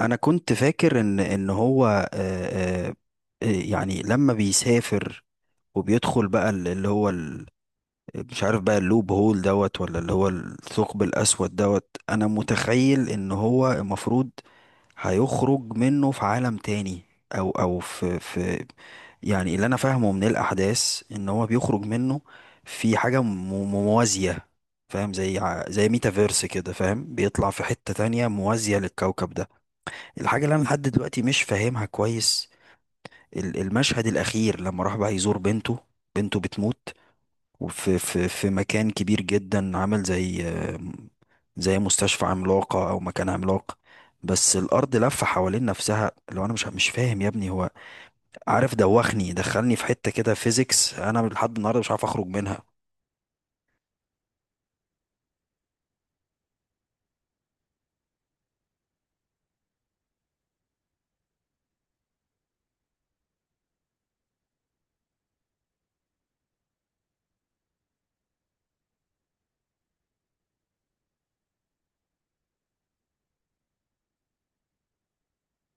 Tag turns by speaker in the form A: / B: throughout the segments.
A: انا كنت فاكر ان هو يعني لما بيسافر وبيدخل بقى اللي هو مش عارف بقى اللوب هول دوت ولا اللي هو الثقب الاسود دوت. انا متخيل ان هو المفروض هيخرج منه في عالم تاني، او في يعني اللي انا فاهمه من الاحداث ان هو بيخرج منه في حاجه موازيه. فاهم؟ زي زي ميتافيرس كده، فاهم؟ بيطلع في حته تانية موازيه للكوكب ده. الحاجة اللي أنا لحد دلوقتي مش فاهمها كويس، المشهد الأخير لما راح بقى يزور بنته، بنته بتموت، وفي في مكان كبير جدا عامل زي زي مستشفى عملاقة أو مكان عملاق، بس الأرض لفة حوالين نفسها. لو أنا مش فاهم يا ابني، هو عارف دوخني، دخلني في حتة كده فيزيكس أنا لحد النهاردة مش عارف أخرج منها.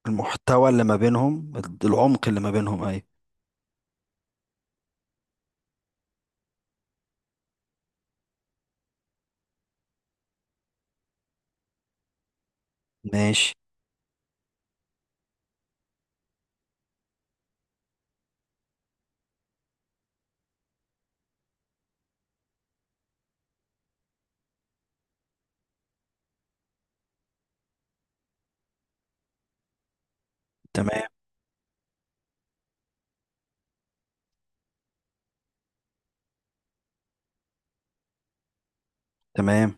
A: المحتوى اللي ما بينهم، العمق اللي ما بينهم، أيوة. ماشي. تمام. تمام.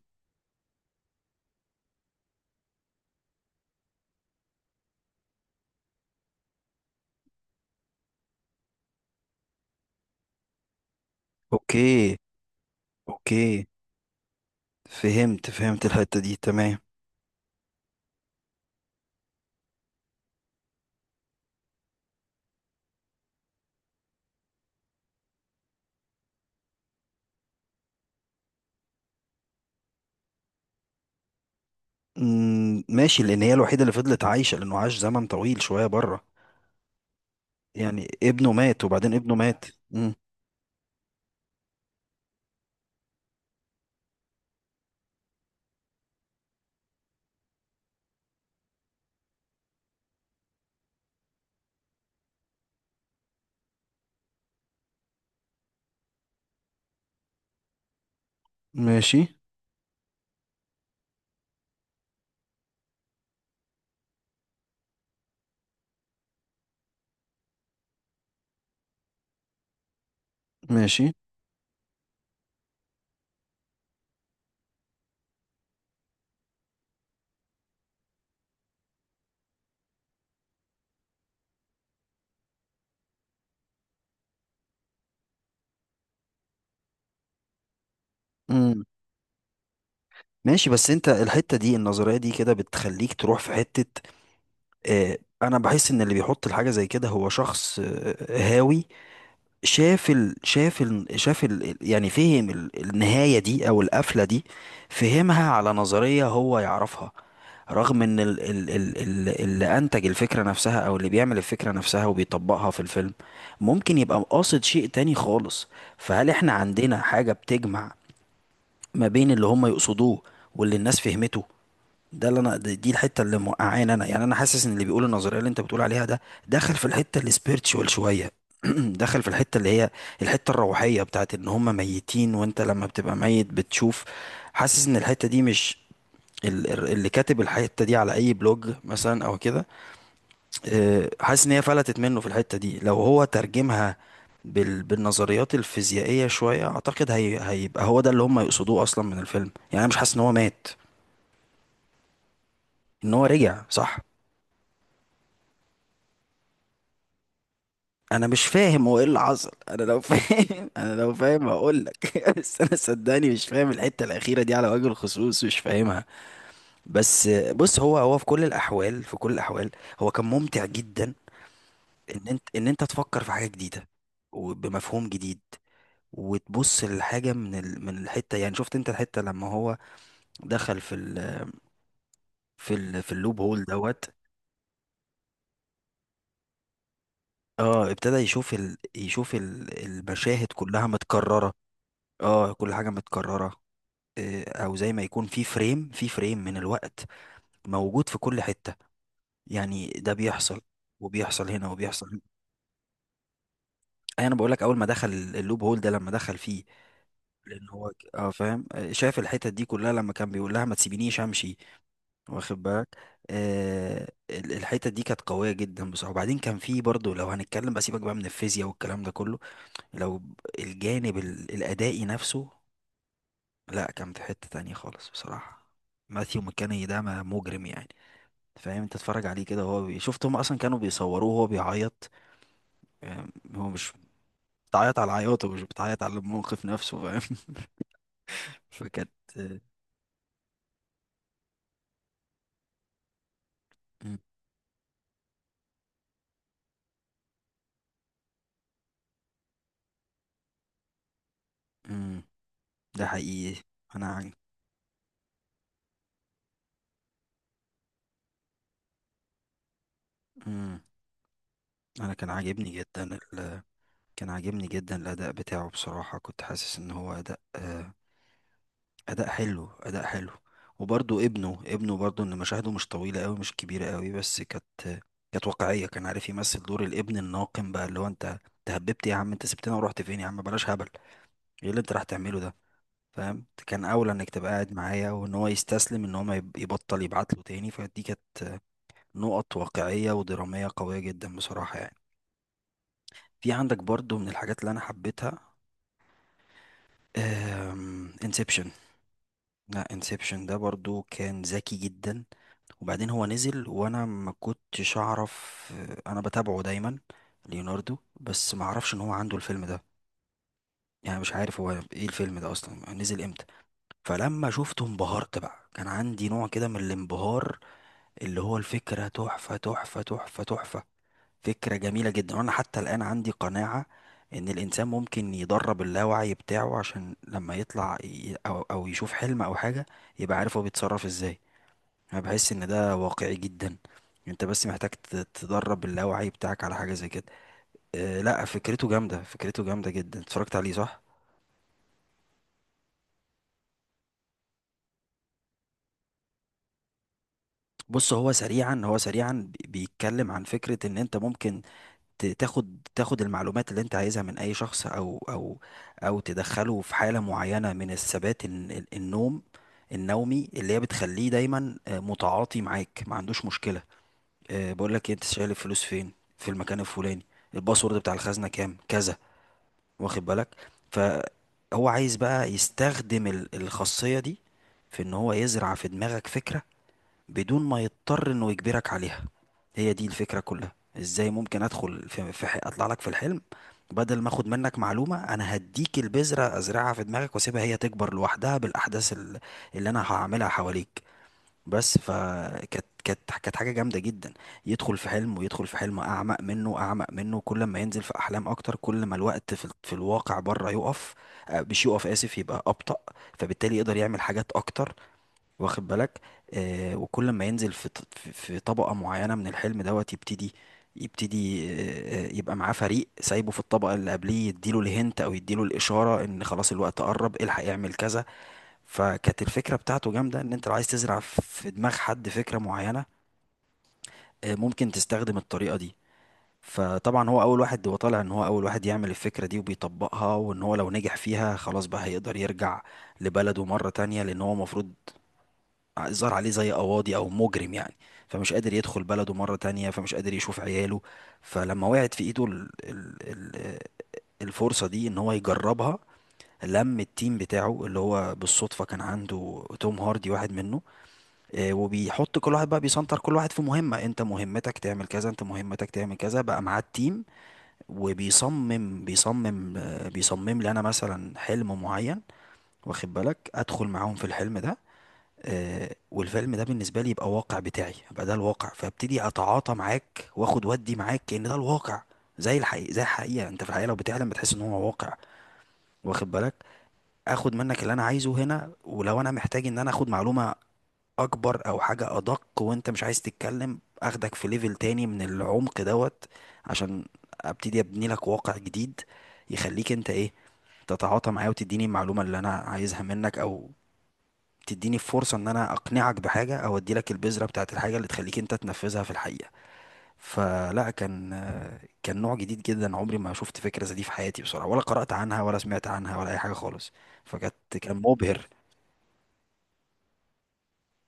A: أوكي. أوكي. فهمت الحتة دي، تمام. مم، ماشي. لأن هي الوحيدة اللي فضلت عايشة، لأنه عاش زمن طويل شوية بره. يعني ابنه مات وبعدين ابنه مات. مم. ماشي. ماشي. مم. ماشي. بس انت الحتة دي، النظرية دي كده بتخليك تروح في حتة. اه، انا بحس ان اللي بيحط الحاجة زي كده هو شخص هاوي. شاف يعني فهم النهاية دي أو القفلة دي، فهمها على نظرية هو يعرفها. رغم إن اللي أنتج الفكرة نفسها أو اللي بيعمل الفكرة نفسها وبيطبقها في الفيلم، ممكن يبقى قاصد شيء تاني خالص. فهل إحنا عندنا حاجة بتجمع ما بين اللي هم يقصدوه واللي الناس فهمته؟ ده اللي انا، دي الحته اللي موقعاني انا. يعني انا حاسس ان اللي بيقول النظريه اللي انت بتقول عليها ده، داخل في الحته السبيرتشوال شويه. داخل في الحته اللي هي الحته الروحيه، بتاعت ان هم ميتين وانت لما بتبقى ميت بتشوف. حاسس ان الحته دي مش، اللي كاتب الحته دي على اي بلوج مثلا او كده، حاسس ان هي فلتت منه في الحته دي. لو هو ترجمها بالنظريات الفيزيائيه شويه، اعتقد هيبقى هو ده اللي هم يقصدوه اصلا من الفيلم. يعني انا مش حاسس ان هو مات، ان هو رجع صح. انا مش فاهم هو ايه اللي حصل، انا لو فاهم انا لو فاهم هقول لك. بس انا صدقني مش فاهم الحته الاخيره دي على وجه الخصوص، مش فاهمها بس. بص، هو في كل الاحوال، في كل الاحوال هو كان ممتع جدا، ان انت تفكر في حاجه جديده وبمفهوم جديد وتبص للحاجه من من الحته. يعني شفت انت الحته لما هو دخل في في اللوب هول دوت؟ اه، ابتدى يشوف المشاهد كلها متكرره. اه، كل حاجه متكرره. او زي ما يكون في فريم من الوقت موجود في كل حتة. يعني ده بيحصل وبيحصل هنا وبيحصل هنا. أي انا بقول لك اول ما دخل اللوب هول ده، لما دخل فيه، لان هو اه فاهم، شاف الحتت دي كلها لما كان بيقول لها ما تسيبينيش امشي. واخد بالك؟ آه، الحتت دي كانت قوية جدا بصراحة. وبعدين كان في برضه، لو هنتكلم بقى، سيبك بقى من الفيزياء والكلام ده كله، لو الجانب الادائي نفسه، لا كان في حتة تانية خالص بصراحة. ماثيو مكاني ده مجرم يعني، فاهم؟ انت اتفرج عليه كده وهو شفت هم اصلا كانوا بيصوروه وهو بيعيط، فاهم؟ هو مش بتعيط على عياطه، مش بتعيط على الموقف نفسه، فاهم؟ فكانت، مم، مم، ده حقيقي. انا عن... مم. انا كان عاجبني جدا كان عاجبني جدا الاداء بتاعه بصراحة. كنت حاسس ان هو اداء اداء حلو، اداء حلو. وبرضو ابنه برضو، ان مشاهده مش طويله قوي، مش كبيره قوي، بس كانت كانت واقعيه. كان عارف يمثل دور الابن الناقم بقى، اللي هو انت، هببت يا عم، انت سبتنا ورحت فين يا عم، بلاش هبل، ايه اللي انت راح تعمله ده؟ فاهم؟ كان اولى انك تبقى قاعد معايا. وان هو يستسلم، ان هو ما يبطل يبعت له تاني. فدي كانت نقط واقعيه ودراميه قويه جدا بصراحه يعني. في عندك برضو من الحاجات اللي انا حبيتها انسبشن. لا، انسبشن ده برضو كان ذكي جدا. وبعدين هو نزل وانا ما كنتش اعرف، انا بتابعه دايما ليوناردو، بس ما اعرفش ان هو عنده الفيلم ده. يعني مش عارف هو ايه الفيلم ده اصلا نزل امتى. فلما شفته انبهرت بقى، كان عندي نوع كده من الانبهار. اللي هو الفكرة تحفة، تحفة، تحفة، تحفة. فكرة جميلة جدا. وانا حتى الان عندي قناعة ان الانسان ممكن يدرب اللاوعي بتاعه، عشان لما يطلع او او يشوف حلم او حاجة، يبقى عارف هو بيتصرف ازاي. انا بحس ان ده واقعي جدا. انت بس محتاج تدرب اللاوعي بتاعك على حاجه زي كده. أه لا، فكرته جامده، فكرته جامده جدا. اتفرجت عليه صح؟ بص، هو سريعا، هو سريعا بيتكلم عن فكره ان انت ممكن تاخد المعلومات اللي انت عايزها من اي شخص، او او تدخله في حاله معينه من الثبات، النوم النومي، اللي هي بتخليه دايما متعاطي معاك، ما عندوش مشكله. أه بقول لك إيه، انت شايل الفلوس فين، في المكان الفلاني، الباسورد بتاع الخزنه كام، كذا. واخد بالك؟ فهو عايز بقى يستخدم الخاصية دي، في ان هو يزرع في دماغك فكرة بدون ما يضطر انه يجبرك عليها. هي دي الفكرة كلها. ازاي ممكن ادخل اطلع لك في الحلم، بدل ما اخد منك معلومة، انا هديك البذرة ازرعها في دماغك واسيبها هي تكبر لوحدها بالاحداث اللي انا هعملها حواليك بس. فكانت، كانت حاجه جامده جدا. يدخل في حلم، ويدخل في حلم اعمق منه، اعمق منه، كل ما ينزل في احلام اكتر كل ما الوقت في الواقع بره يقف، مش يقف اسف، يبقى ابطا. فبالتالي يقدر يعمل حاجات اكتر، واخد بالك؟ آه، وكل ما ينزل في في طبقه معينه من الحلم دوت، يبتدي، يبتدي يبقى معاه فريق سايبه في الطبقه اللي قبليه، يديله الهنت او يديله الاشاره ان خلاص الوقت قرب، الحق يعمل كذا. فكانت الفكرة بتاعته جامدة. ان انت لو عايز تزرع في دماغ حد فكرة معينة، ممكن تستخدم الطريقة دي. فطبعا هو اول واحد، هو طالع ان هو اول واحد يعمل الفكرة دي وبيطبقها. وان هو لو نجح فيها، خلاص بقى هيقدر يرجع لبلده مرة تانية. لان هو المفروض ظهر عليه زي قواضي او مجرم يعني، فمش قادر يدخل بلده مرة تانية، فمش قادر يشوف عياله. فلما وقعت في ايده ال ال ال الفرصة دي ان هو يجربها، لم التيم بتاعه، اللي هو بالصدفة كان عنده توم هاردي واحد منه. وبيحط كل واحد بقى، بيسنتر كل واحد في مهمة، انت مهمتك تعمل كذا، انت مهمتك تعمل كذا. بقى معاه التيم، وبيصمم بيصمم آه، بيصمم لي انا مثلا حلم معين، واخد بالك؟ ادخل معاهم في الحلم ده، والفيلم ده بالنسبة لي يبقى واقع بتاعي، يبقى ده الواقع. فابتدي اتعاطى معاك واخد ودي معاك كأن ده الواقع، زي الحقيقة، زي الحقيقة. انت في الحقيقة لو بتحلم بتحس ان هو واقع، واخد بالك؟ اخد منك اللي انا عايزه هنا. ولو انا محتاج ان انا اخد معلومة اكبر او حاجة ادق وانت مش عايز تتكلم، اخدك في ليفل تاني من العمق دوت، عشان ابتدي ابني لك واقع جديد، يخليك انت ايه، تتعاطى معايا وتديني المعلومة اللي انا عايزها منك، او تديني فرصة ان انا اقنعك بحاجة، او اديلك البذرة بتاعت الحاجة اللي تخليك انت تنفذها في الحقيقة. فلا، كان، كان نوع جديد جدا. عمري ما شفت فكرة زي دي في حياتي بصراحة، ولا قرأت عنها ولا سمعت عنها ولا اي حاجة خالص. فكانت، كان مبهر.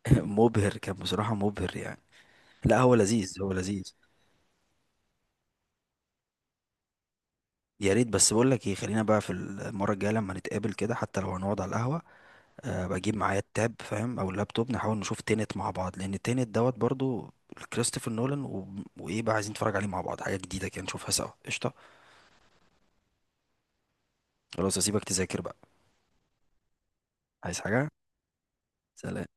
A: مبهر كان بصراحة، مبهر يعني. لا هو لذيذ، هو لذيذ. يا ريت. بس بقول لك ايه، خلينا بقى في المره الجايه لما نتقابل كده، حتى لو هنقعد على القهوه، أه بجيب معايا التاب فاهم، او اللابتوب، نحاول نشوف تينت مع بعض، لان تينت دوت برضو كريستوفر نولان و... وايه بقى عايزين نتفرج عليه مع بعض، حاجه جديده كده نشوفها سوا، قشطه. خلاص، اسيبك تذاكر بقى. عايز حاجه؟ سلام.